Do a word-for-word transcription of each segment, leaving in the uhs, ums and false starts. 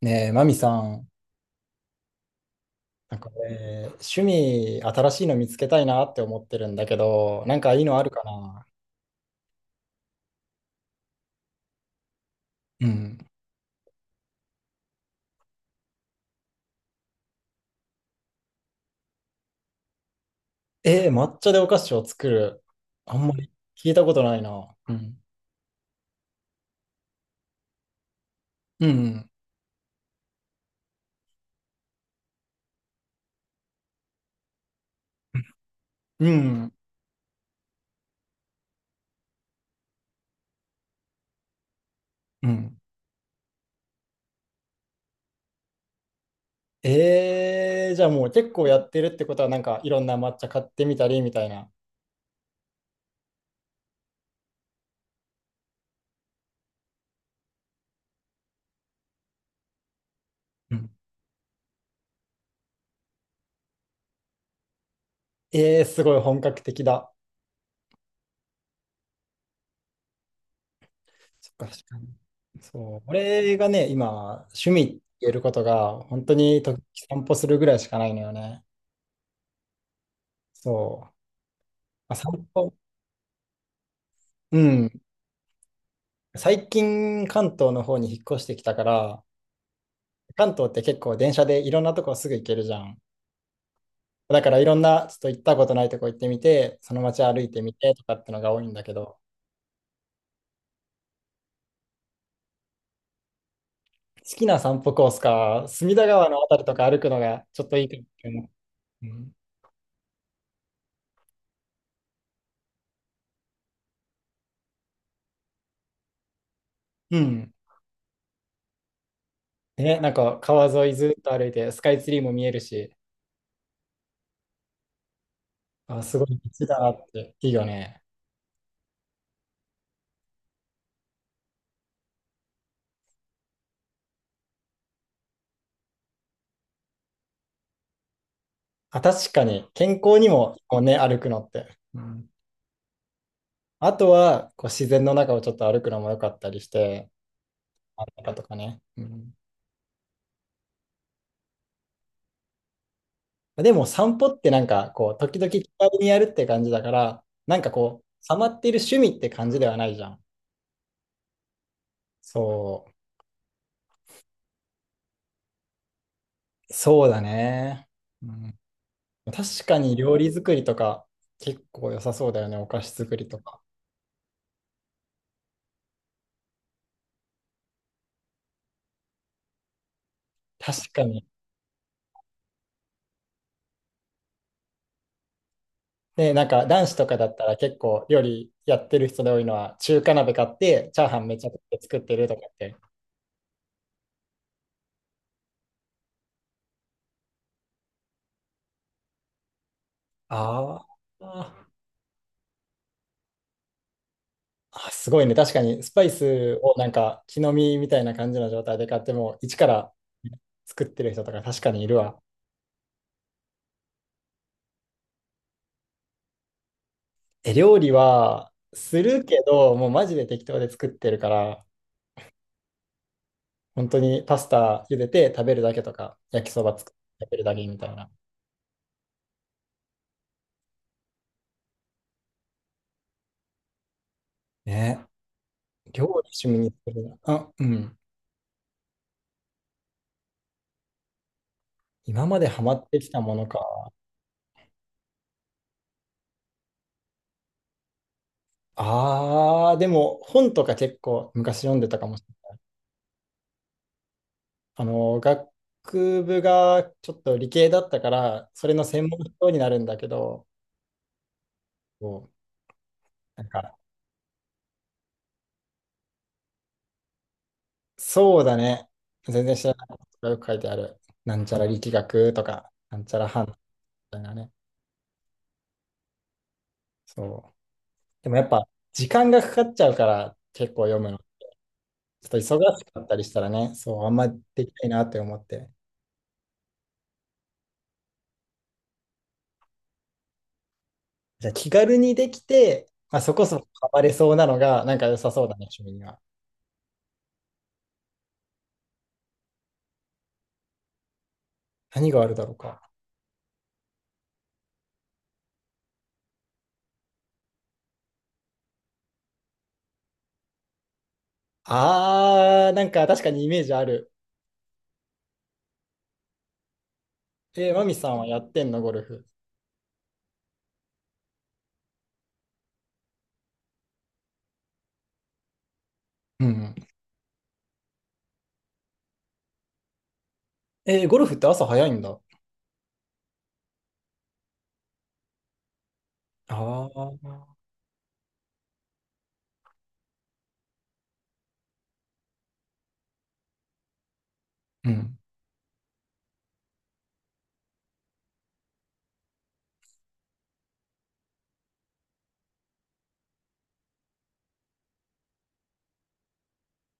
ねえ、マミさん、なんか俺、趣味新しいの見つけたいなって思ってるんだけど、なんかいいのあるかな？うん。えー、抹茶でお菓子を作る。あんまり聞いたことないな。うん。うん。うん。うん。えー、じゃあもう結構やってるってことは、なんかいろんな抹茶買ってみたりみたいな。うん。えー、すごい本格的だ。そっか、確かに。そう、俺がね、今、趣味って言えることが、本当に時々散歩するぐらいしかないのよね。そう。まあ、散歩。うん。最近、関東の方に引っ越してきたから、関東って結構電車でいろんなとこすぐ行けるじゃん。だからいろんな、ちょっと行ったことないとこ行ってみて、その街歩いてみてとかってのが多いんだけど、好きな散歩コースか、隅田川のあたりとか歩くのがちょっといいかもしれない。うん。うん。ね、なんか川沿いずっと歩いて、スカイツリーも見えるし、あ、すごい道だなって、いいよね。あ、確かに、健康にも、こうね、歩くのって。うん。あとは、こう自然の中をちょっと歩くのも良かったりして、真ん中とかね。うん、でも散歩ってなんかこう、時々気軽にやるって感じだから、なんかこう、ハマっている趣味って感じではないじゃん。そう、そうだね。うん、確かに料理作りとか、結構良さそうだよね、お菓子作りとか。確かに。で、なんか男子とかだったら結構料理やってる人で多いのは、中華鍋買って、チャーハンめちゃくちゃ作ってるとかって。ああ。あ、すごいね。確かに、スパイスをなんか、木の実みたいな感じの状態で買っても、一から作ってる人とか確かにいるわ。え、料理はするけど、もうマジで適当で作ってるから、本当にパスタ茹でて食べるだけとか、焼きそば作って食べるだけみたいな。ね、料理趣味にするな。あ、うん。今までハマってきたものか。あー、でも本とか結構昔読んでたかも。あの、学部がちょっと理系だったから、それの専門の人になるんだけど、こうなんか、そうだね。全然知らないことがよく書いてある。なんちゃら力学とか、なんちゃら反応みたいなね。そう。でもやっぱ、時間がかかっちゃうから、結構読むの。ちょっと忙しかったりしたらね、そう、あんまできないなって思って。じゃあ気軽にできて、まあ、そこそこハマれそうなのが、なんか良さそうだね、趣味には。何があるだろうか。あー、なんか確かにイメージある。えー、マミさんはやってんの、ゴルフ。うんうん。えー、ゴルフって朝早いんだ。ああ。うん。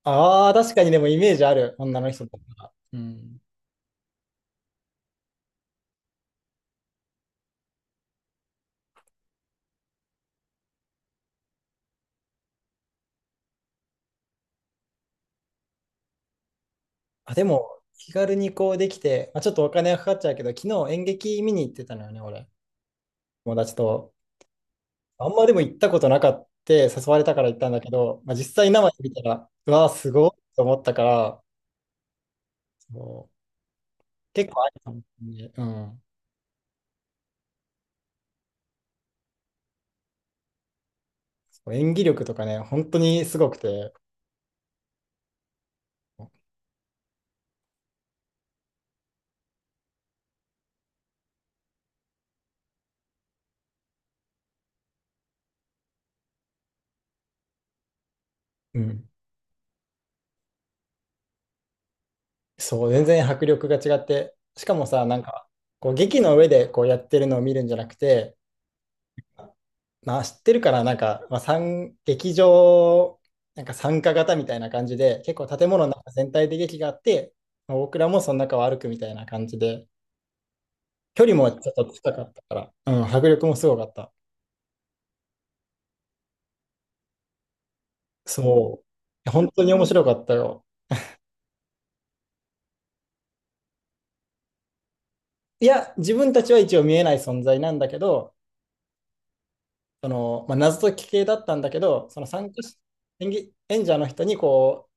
ああ、確かにでもイメージある、女の人だったら。うん。あ、でも、気軽にこうできて、まあ、ちょっとお金がかかっちゃうけど、昨日演劇見に行ってたのよね、俺。友達と。あんまでも行ったことなかった、誘われたから行ったんだけど、まあ、実際生で見たら、うわー、すごいと思ったから、そう、結構あるかもしれない。うん。そう、演技力とかね、本当にすごくて、うん。そう、全然迫力が違って、しかもさ、なんか、こう劇の上でこうやってるのを見るんじゃなくて、まあ、知ってるから、なんか、まあ、参劇場、なんか参加型みたいな感じで、結構建物の中全体で劇があって、まあ僕らもその中を歩くみたいな感じで、距離もちょっと近かったから、うん、迫力もすごかった。そう、本当に面白かったよ。いや、自分たちは一応見えない存在なんだけど、その、まあ、謎解き系だったんだけど、その参加し、演技、演者の人にこ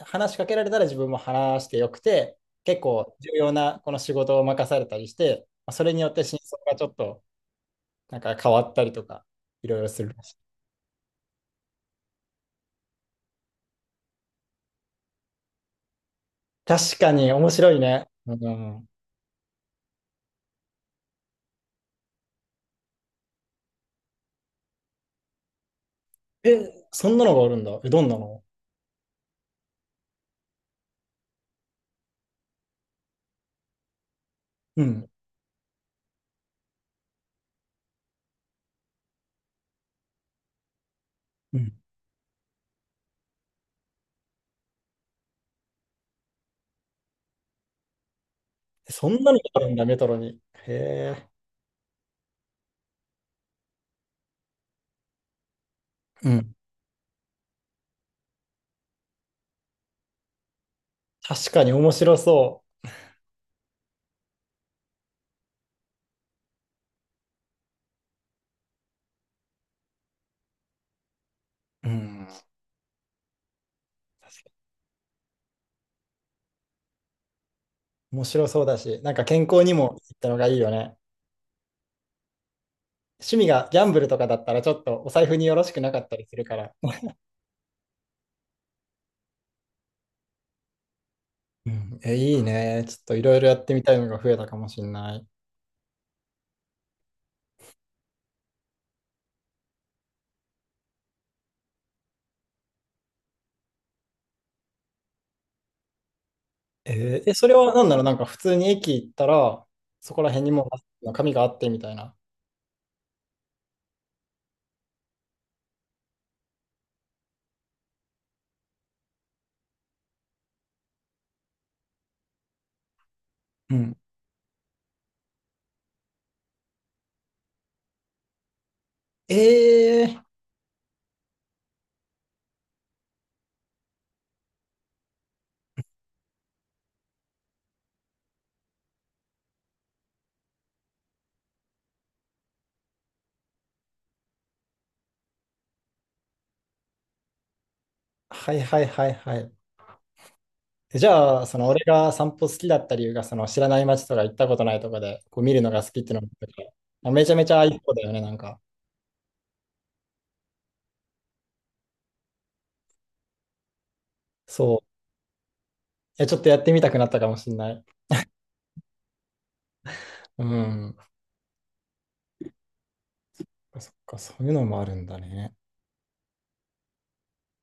う、話しかけられたら自分も話してよくて、結構重要なこの仕事を任されたりして、まあ、それによって真相がちょっとなんか変わったりとか、いろいろするらしい。確かに面白いね。うん。え、そんなのがあるんだ。え、どんなの？うん。うん。そんなのがあるんだ、メトロに。へえ。うん。確かに面白そう。うん。確かに面白そうだし、なんか健康にもいいったのがいいよね。趣味がギャンブルとかだったらちょっとお財布によろしくなかったりするから。うん、え、いいね。ちょっといろいろやってみたいのが増えたかもしれない。えーえ、それは何だろう、なんか普通に駅行ったら、そこら辺にもう紙があってみたいな。うん。えー、はいはいはいはい。じゃあ、その俺が散歩好きだった理由が、その知らない街とか行ったことないとかで、こう見るのが好きっていうのもあっか、めちゃめちゃいい子だよね、なんか。そう。え、ちょっとやってみたくなったかもしれない。うん。そっか、そういうのもあるんだね。